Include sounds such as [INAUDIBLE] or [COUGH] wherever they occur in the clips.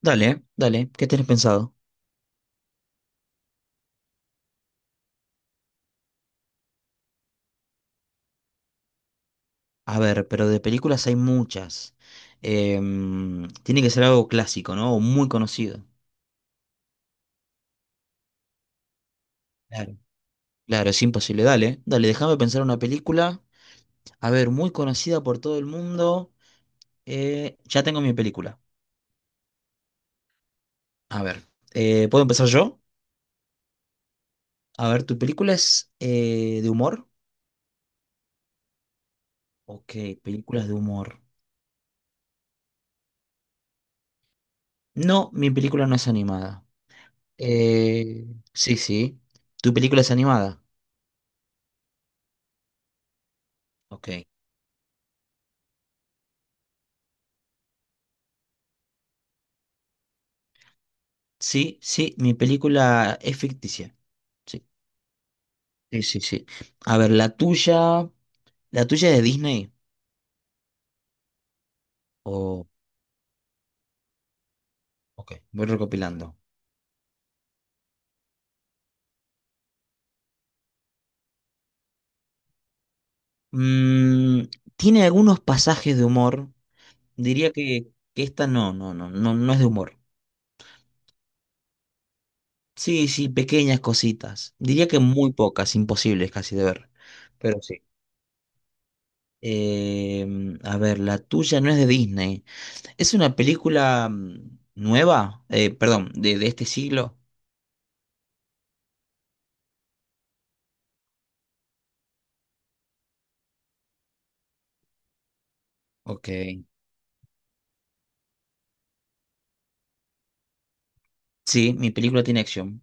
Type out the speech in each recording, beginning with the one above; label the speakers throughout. Speaker 1: Dale, dale, ¿qué tenés pensado? A ver, pero de películas hay muchas. Tiene que ser algo clásico, ¿no? O muy conocido. Claro. Claro, es imposible. Dale, dale, déjame pensar una película. A ver, muy conocida por todo el mundo. Ya tengo mi película. A ver, ¿puedo empezar yo? A ver, ¿tu película es de humor? Ok, películas de humor. No, mi película no es animada. Eh, sí, sí. ¿Tu película es animada? Ok. Sí, sí, mi película es ficticia. Sí, sí, sí, sí. A ver, la tuya es de Disney. O, ok, voy recopilando. Mm, Tiene algunos pasajes de humor. Diría que esta no, no, no, no, no es de humor. Sí, sí, pequeñas cositas. Diría que muy pocas, imposibles casi de ver. Pero sí. A ver, la tuya no es de Disney. ¿Es una película nueva? Perdón, de este siglo. Ok. Sí, mi película tiene acción.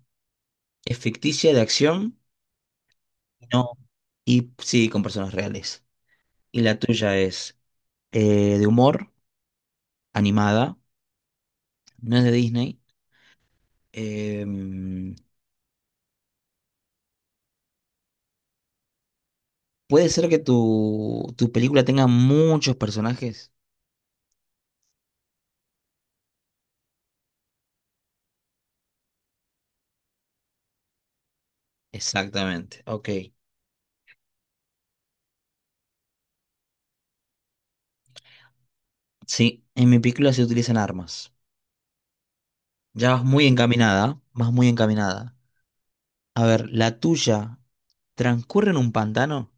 Speaker 1: Es ficticia de acción, no, y sí, con personas reales. Y la tuya es de humor, animada, no es de Disney. Em, Puede ser que tu película tenga muchos personajes. Exactamente, ok. Sí, en mi película se utilizan armas. Ya vas muy encaminada, vas muy encaminada. A ver, la tuya transcurre en un pantano.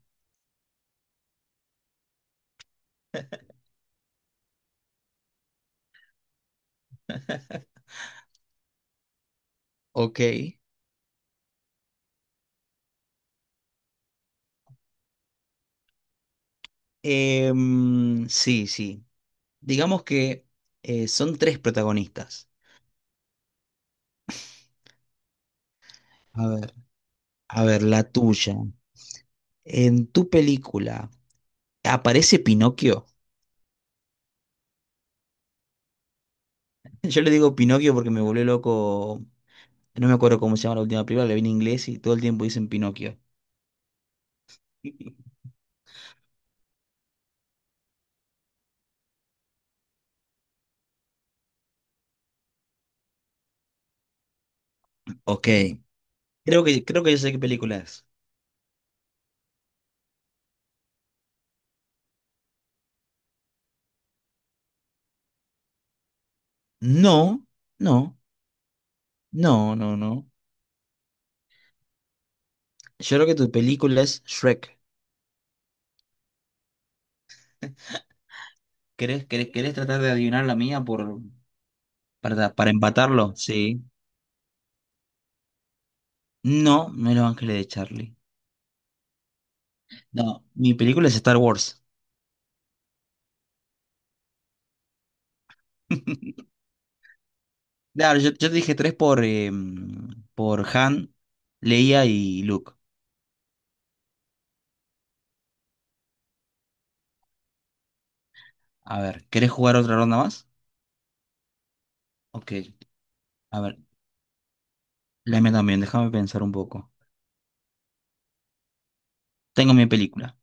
Speaker 1: Ok. Sí, sí. Digamos que son tres protagonistas. A ver. A ver, la tuya. En tu película, ¿aparece Pinocchio? [LAUGHS] Yo le digo Pinocchio porque me volvió loco. No me acuerdo cómo se llama la última película, la vi en inglés y todo el tiempo dicen Pinocchio. [LAUGHS] Ok, creo que yo sé qué película es. No, no, no, no, no. Yo creo que tu película es Shrek. ¿Querés tratar de adivinar la mía por, para empatarlo? Sí. No, no, es Los Ángeles de Charlie. No, mi película es Star Wars. [LAUGHS] Claro, yo te dije tres por, por Han, Leia y Luke. A ver, ¿querés jugar otra ronda más? Ok, a ver, la mía también, déjame pensar un poco. Tengo mi película.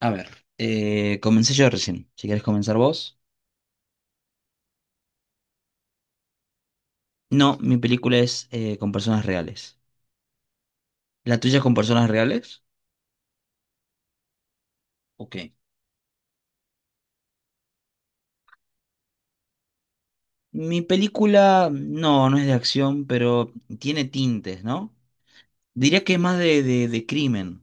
Speaker 1: A ver, comencé yo recién. Si querés comenzar vos. No, mi película es con personas reales. ¿La tuya es con personas reales? Ok. Mi película, no es de acción, pero tiene tintes, ¿no? Diría que es más de, de crimen.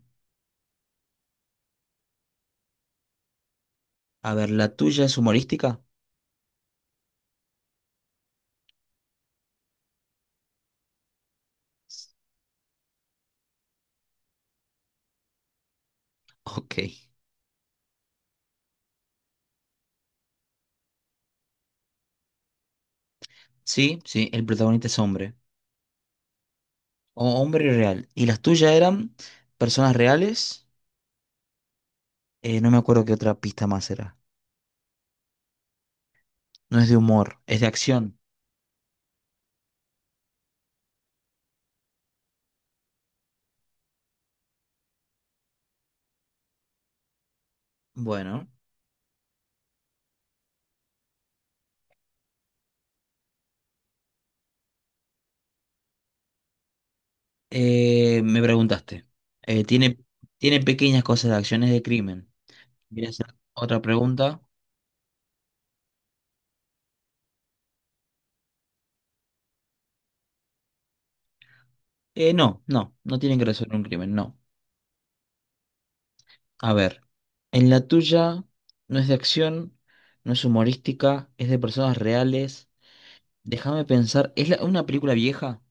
Speaker 1: A ver, ¿la tuya es humorística? Ok. Sí, sí, el protagonista es hombre. O hombre real. ¿Y las tuyas eran personas reales? No me acuerdo qué otra pista más era. No es de humor, es de acción. Bueno, me preguntaste. Eh, ¿tiene, tiene pequeñas cosas de acciones de crimen? ¿Quieres hacer otra pregunta? No, no, no tienen que resolver un crimen, no. A ver, en la tuya no es de acción, no es humorística, es de personas reales. Déjame pensar, ¿es una película vieja?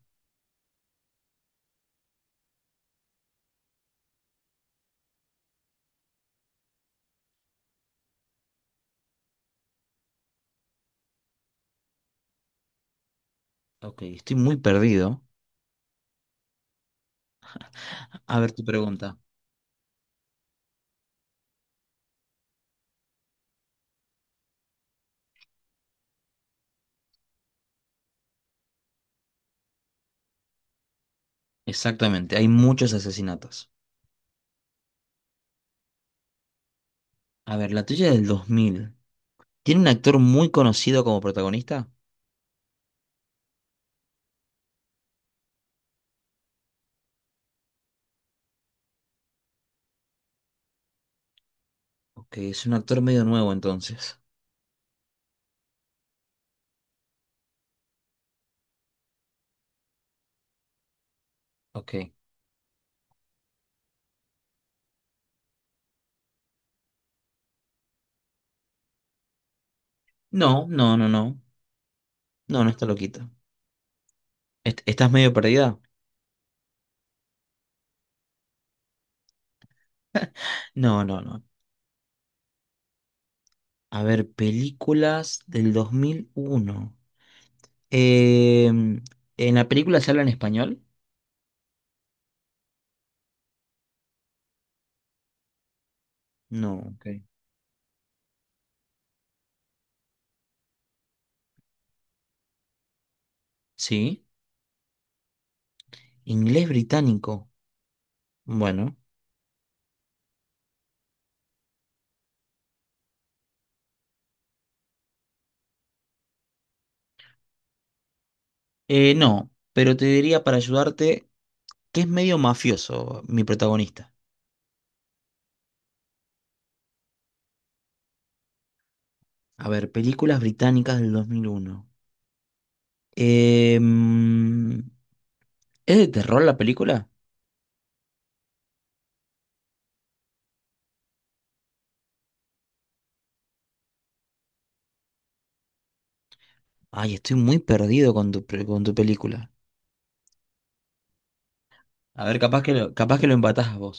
Speaker 1: Ok, estoy muy perdido. A ver tu pregunta. Exactamente, hay muchos asesinatos. A ver, la tuya es del 2000. ¿Tiene un actor muy conocido como protagonista? Ok, es un actor medio nuevo entonces. Ok. No, no, no, no. No, no está loquito. ¿Estás medio perdida? No, no, no. A ver, películas del 2001. Em, ¿En la película se habla en español? No. Ok. ¿Sí? ¿Inglés británico? Bueno, no, pero te diría para ayudarte que es medio mafioso mi protagonista. A ver, películas británicas del 2001. Em, ¿Es de terror la película? Ay, estoy muy perdido con con tu película. A ver, capaz que lo empatás a vos.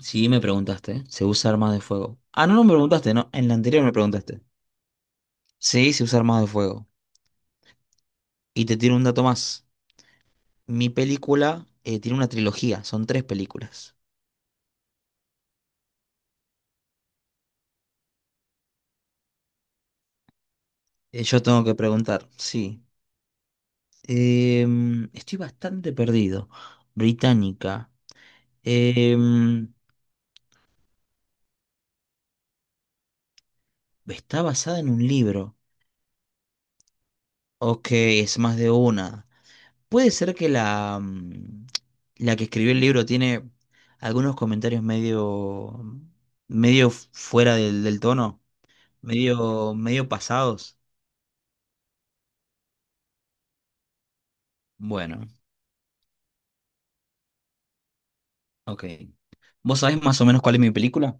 Speaker 1: Sí, me preguntaste. ¿Eh? ¿Se usa armas de fuego? Ah, no, no me preguntaste, no. En la anterior me preguntaste. Sí, se usa armas de fuego. Y te tiro un dato más. Mi película tiene una trilogía, son tres películas. Yo tengo que preguntar, sí. Estoy bastante perdido. Británica. Em, Está basada en un libro. Ok, es más de una. Puede ser que la que escribió el libro tiene algunos comentarios medio, medio fuera del tono, medio, medio pasados. Bueno, ok. ¿Vos sabés más o menos cuál es mi película?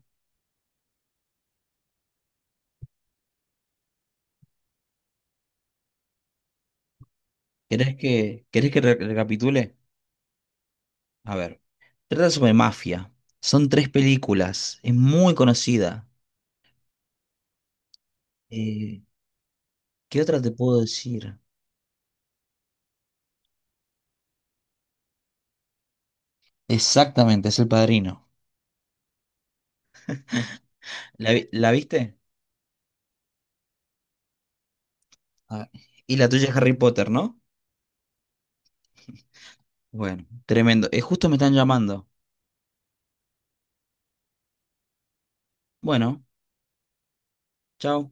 Speaker 1: ¿Querés que recapitule? A ver, trata sobre mafia. Son tres películas. Es muy conocida. Eh, ¿Qué otra te puedo decir? Exactamente, es El Padrino. ¿La viste? Ah, y la tuya es Harry Potter, ¿no? Bueno, tremendo. Justo me están llamando. Bueno, chao.